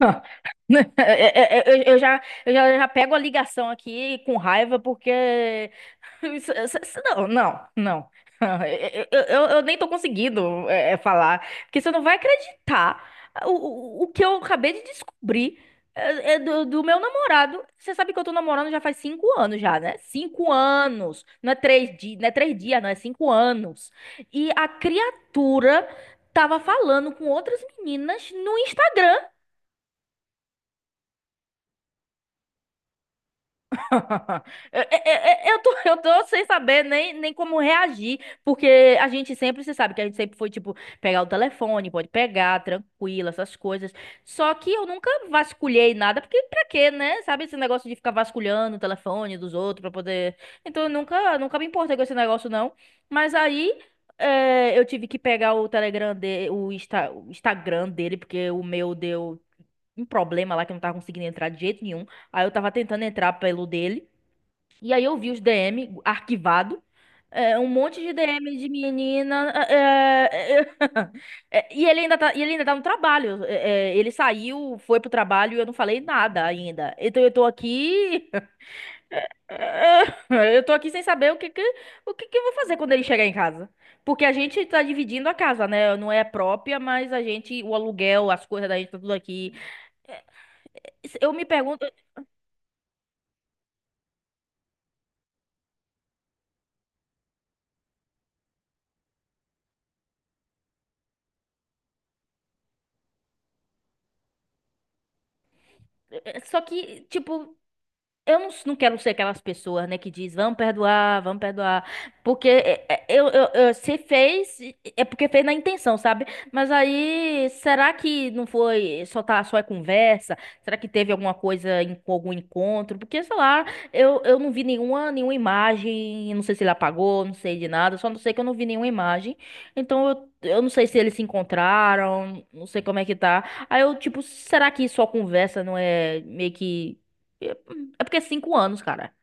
Eu já pego a ligação aqui com raiva porque. Não, não, não. Eu nem tô conseguindo falar, porque você não vai acreditar o que eu acabei de descobrir do meu namorado. Você sabe que eu tô namorando já faz 5 anos já, né? 5 anos. Não é 3 dias, não é três dias, não, é 5 anos. E a criatura tava falando com outras meninas no Instagram. É- eu tô sem saber nem como reagir, porque a gente sempre, você sabe que a gente sempre foi, tipo, pegar o telefone, pode pegar, tranquilo, essas coisas. Só que eu nunca vasculhei nada, porque pra quê, né? Sabe esse negócio de ficar vasculhando o telefone dos outros pra poder. Então eu nunca, nunca me importei com esse negócio, não. Mas aí. Eu tive que pegar o Telegram dele, o Instagram dele, porque o meu deu um problema lá que eu não tava conseguindo entrar de jeito nenhum. Aí eu tava tentando entrar pelo dele. E aí eu vi os DM arquivado, um monte de DM de menina. E ele ainda tá no trabalho. Ele saiu, foi pro trabalho e eu não falei nada ainda. Então eu tô aqui. Eu tô aqui sem saber o que que eu vou fazer quando ele chegar em casa. Porque a gente tá dividindo a casa, né? Não é própria, mas a gente, o aluguel, as coisas da gente, tá tudo aqui. Eu me pergunto. Só que, tipo, eu não quero ser aquelas pessoas, né, que diz, vamos perdoar, porque se fez, é porque fez na intenção, sabe? Mas aí, será que não foi só é conversa? Será que teve alguma coisa, algum encontro? Porque, sei lá, eu não vi nenhuma imagem, eu não sei se ele apagou, não sei de nada, só não sei que eu não vi nenhuma imagem, então eu não sei se eles se encontraram, não sei como é que tá. Aí eu, tipo, será que só conversa não é meio que... É porque é 5 anos, cara.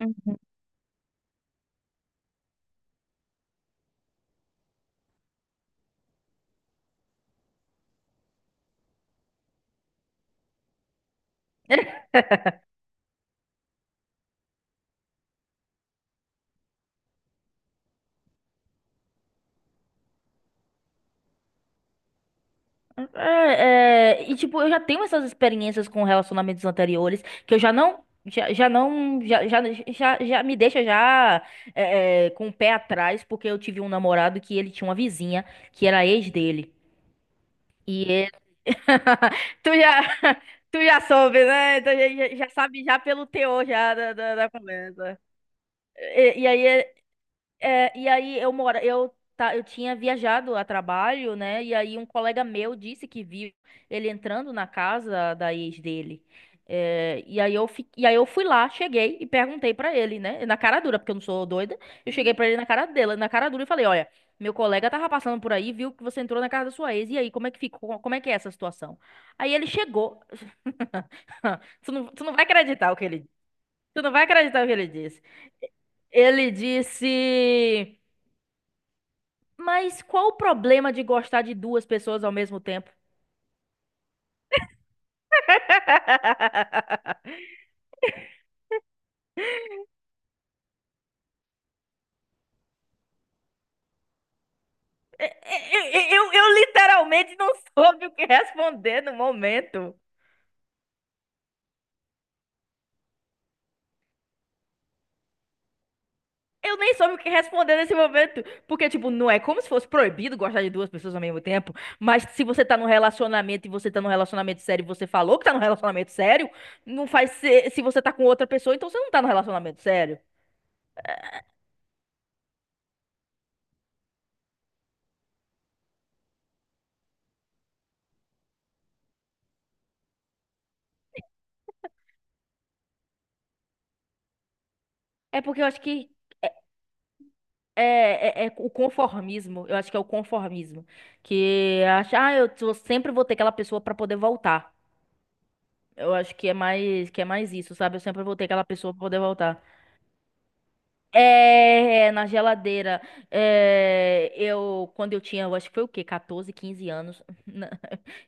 Uhum. E tipo, eu já tenho essas experiências com relacionamentos anteriores que eu já não. Já, já não. Já, já, já, já me deixa já com o pé atrás, porque eu tive um namorado que ele tinha uma vizinha que era ex dele. E ele. Tu já. Tu já soube, né? Então, já sabe já pelo teor já da conversa. E, e aí e aí eu mora, eu tá, eu tinha viajado a trabalho, né? E aí um colega meu disse que viu ele entrando na casa da ex dele. E aí eu fui lá, cheguei e perguntei pra ele, né? Na cara dura, porque eu não sou doida. Eu cheguei pra ele na cara dela, na cara dura e falei: olha, meu colega tava passando por aí, viu que você entrou na casa da sua ex. E aí, como é que ficou? Como é que é essa situação? Aí ele chegou. Tu não vai acreditar o que ele, tu não vai acreditar o que ele disse. Ele disse: mas qual o problema de gostar de duas pessoas ao mesmo tempo? Eu literalmente não soube o que responder no momento. Eu nem soube o que responder nesse momento. Porque, tipo, não é como se fosse proibido gostar de duas pessoas ao mesmo tempo. Mas se você tá num relacionamento e você tá num relacionamento sério e você falou que tá num relacionamento sério, não faz se você tá com outra pessoa, então você não tá num relacionamento sério. É porque eu acho que é o conformismo, eu acho que é o conformismo, que acha, ah, sempre vou ter aquela pessoa pra poder voltar. Eu acho que é mais isso, sabe? Eu sempre vou ter aquela pessoa pra poder voltar. É, na geladeira. Quando eu tinha, eu acho que foi o quê? 14, 15 anos. Não,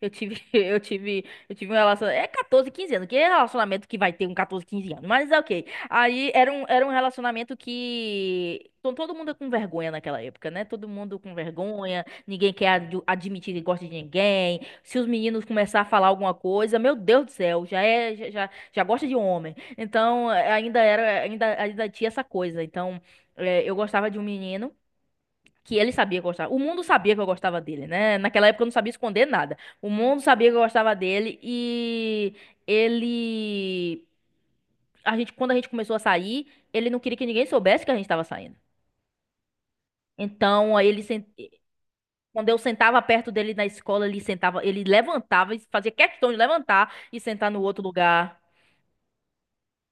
Eu tive um relacionamento. É 14, 15 anos. Que é relacionamento que vai ter um 14, 15 anos? Mas é ok. Aí era um relacionamento que. Todo mundo com vergonha naquela época, né? Todo mundo com vergonha, ninguém quer admitir que gosta de ninguém. Se os meninos começar a falar alguma coisa, meu Deus do céu, já é, já, já já gosta de homem. Então, ainda era, ainda tinha essa coisa. Então, eu gostava de um menino que ele sabia que eu gostava. O mundo sabia que eu gostava dele, né? Naquela época eu não sabia esconder nada. O mundo sabia que eu gostava dele. E ele, quando a gente começou a sair, ele não queria que ninguém soubesse que a gente estava saindo. Então, quando eu sentava perto dele na escola, ele sentava, ele levantava e fazia questão de levantar e sentar no outro lugar.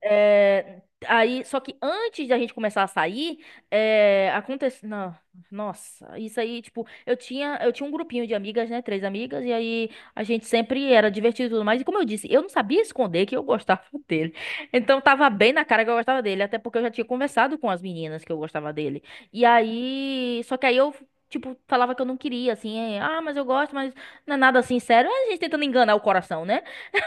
É, só que antes da gente começar a sair, aconteceu. Não, nossa, isso aí, tipo, eu tinha um grupinho de amigas, né? Três amigas, e aí a gente sempre era divertido e tudo mais. E como eu disse, eu não sabia esconder que eu gostava dele. Então tava bem na cara que eu gostava dele, até porque eu já tinha conversado com as meninas que eu gostava dele. E aí, só que aí eu. Tipo, falava que eu não queria, assim, ah, mas eu gosto, mas não é nada assim sério. É a gente tentando enganar o coração, né?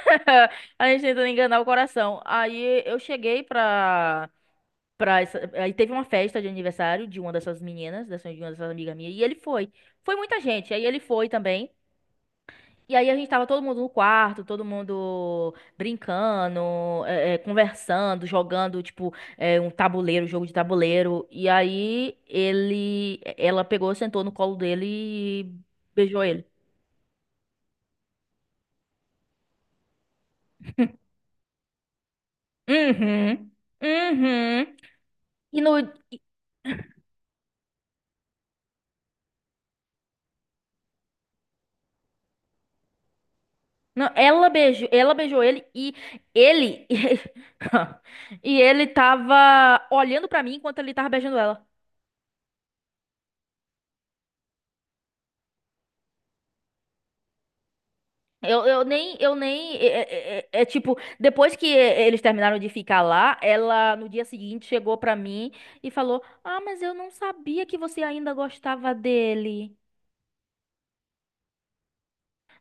A gente tentando enganar o coração. Aí eu cheguei pra, pra essa- Aí teve uma festa de aniversário de uma dessas meninas, dessa, de uma dessas amigas minhas, e ele foi. Foi muita gente, aí ele foi também. E aí a gente tava todo mundo no quarto, todo mundo brincando, conversando, jogando, tipo, um tabuleiro, jogo de tabuleiro. E aí ele... Ela pegou, sentou no colo dele e beijou ele. Uhum. Uhum. E no, Não, ela beijou ele e ele e ele tava olhando pra mim enquanto ele tava beijando ela. Eu nem, tipo, depois que eles terminaram de ficar lá, ela no dia seguinte chegou pra mim e falou: "Ah, mas eu não sabia que você ainda gostava dele".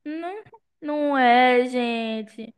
Não, não é, gente.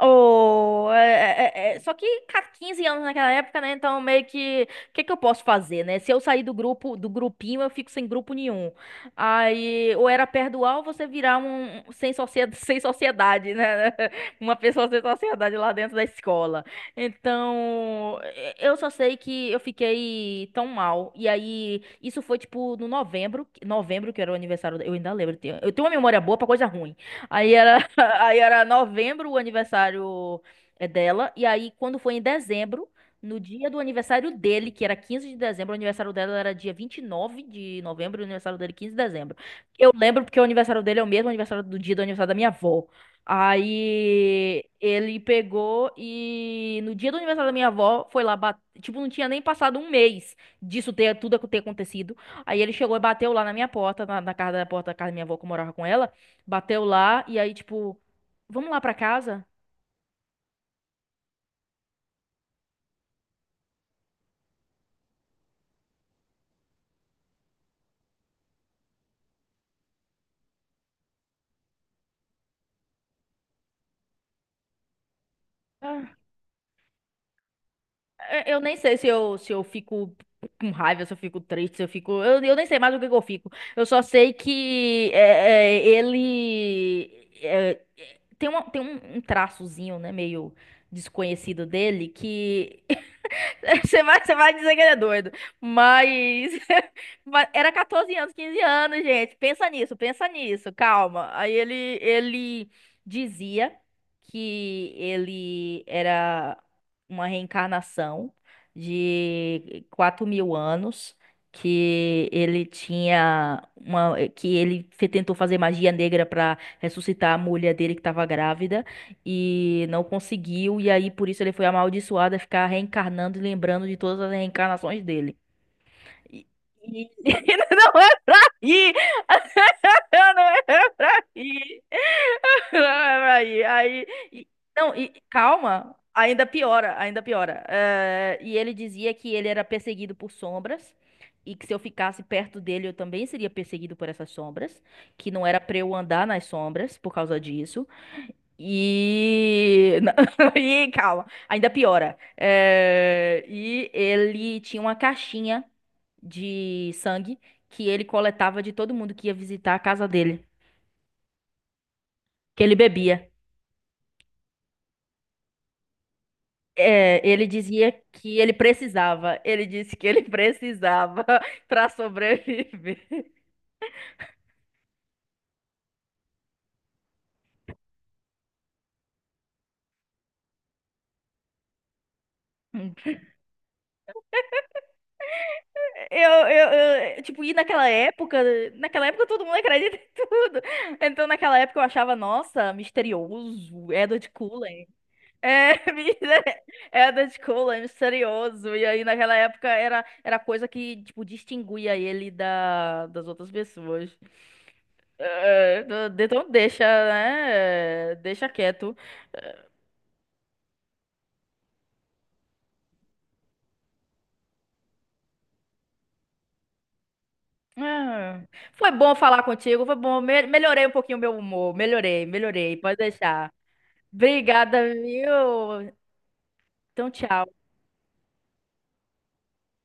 Oh, só que cara, 15 anos naquela época, né? Então meio que, o que que eu posso fazer, né? Se eu sair do grupo, do grupinho, eu fico sem grupo nenhum. Aí, ou era perdoar ou você virar um sem sociedade, sem sociedade, né? Uma pessoa sem sociedade lá dentro da escola. Então, eu só sei que eu fiquei tão mal. E aí, isso foi tipo no novembro, que era o aniversário, eu ainda lembro, eu tenho uma memória boa pra coisa ruim. Aí era, aí era novembro o aniversário dela. E aí, quando foi em dezembro, no dia do aniversário dele, que era 15 de dezembro, o aniversário dela era dia 29 de novembro, e o aniversário dele 15 de dezembro. Eu lembro porque o aniversário dele é o mesmo aniversário do dia do aniversário da minha avó. Aí ele pegou e no dia do aniversário da minha avó foi lá, tipo, não tinha nem passado um mês disso ter tudo ter acontecido. Aí ele chegou e bateu lá na minha porta, na casa da porta da casa da minha avó que eu morava com ela. Bateu lá e aí, tipo, vamos lá pra casa? Ah, Eu nem sei se eu fico com raiva, se eu fico triste, se eu fico. Eu nem sei mais o que que eu fico. Eu só sei que ele. Tem um traçozinho, né, meio desconhecido dele, que Você vai dizer que ele é doido. Mas, mas era 14 anos, 15 anos, gente. Pensa nisso, calma. Aí ele dizia que ele era uma reencarnação de 4.000 anos, que ele tinha uma, que ele fe- tentou fazer magia negra para ressuscitar a mulher dele que estava grávida e não conseguiu, e aí por isso ele foi amaldiçoado a ficar reencarnando e lembrando de todas as reencarnações dele. E, e- não é pra rir! Eu Não é pra rir! Não é pra rir! Não, e calma, ainda piora, ainda piora. E ele dizia que ele era perseguido por sombras. E que se eu ficasse perto dele, eu também seria perseguido por essas sombras. Que não era pra eu andar nas sombras por causa disso e. E calma, ainda piora. E ele tinha uma caixinha de sangue que ele coletava de todo mundo que ia visitar a casa dele, que ele bebia. Ele dizia que ele precisava. Ele disse que ele precisava para sobreviver. Tipo, e naquela época todo mundo acredita em tudo. Então, naquela época eu achava, nossa, misterioso, Edward Cullen. É, menina, é da escola, é misterioso. E aí, naquela época, era coisa que, tipo, distinguia ele das outras pessoas. Então, deixa, né? Deixa quieto. Ah, foi bom falar contigo, foi bom. Melhorei um pouquinho o meu humor. Melhorei, melhorei. Pode deixar. Obrigada, viu? Então, tchau.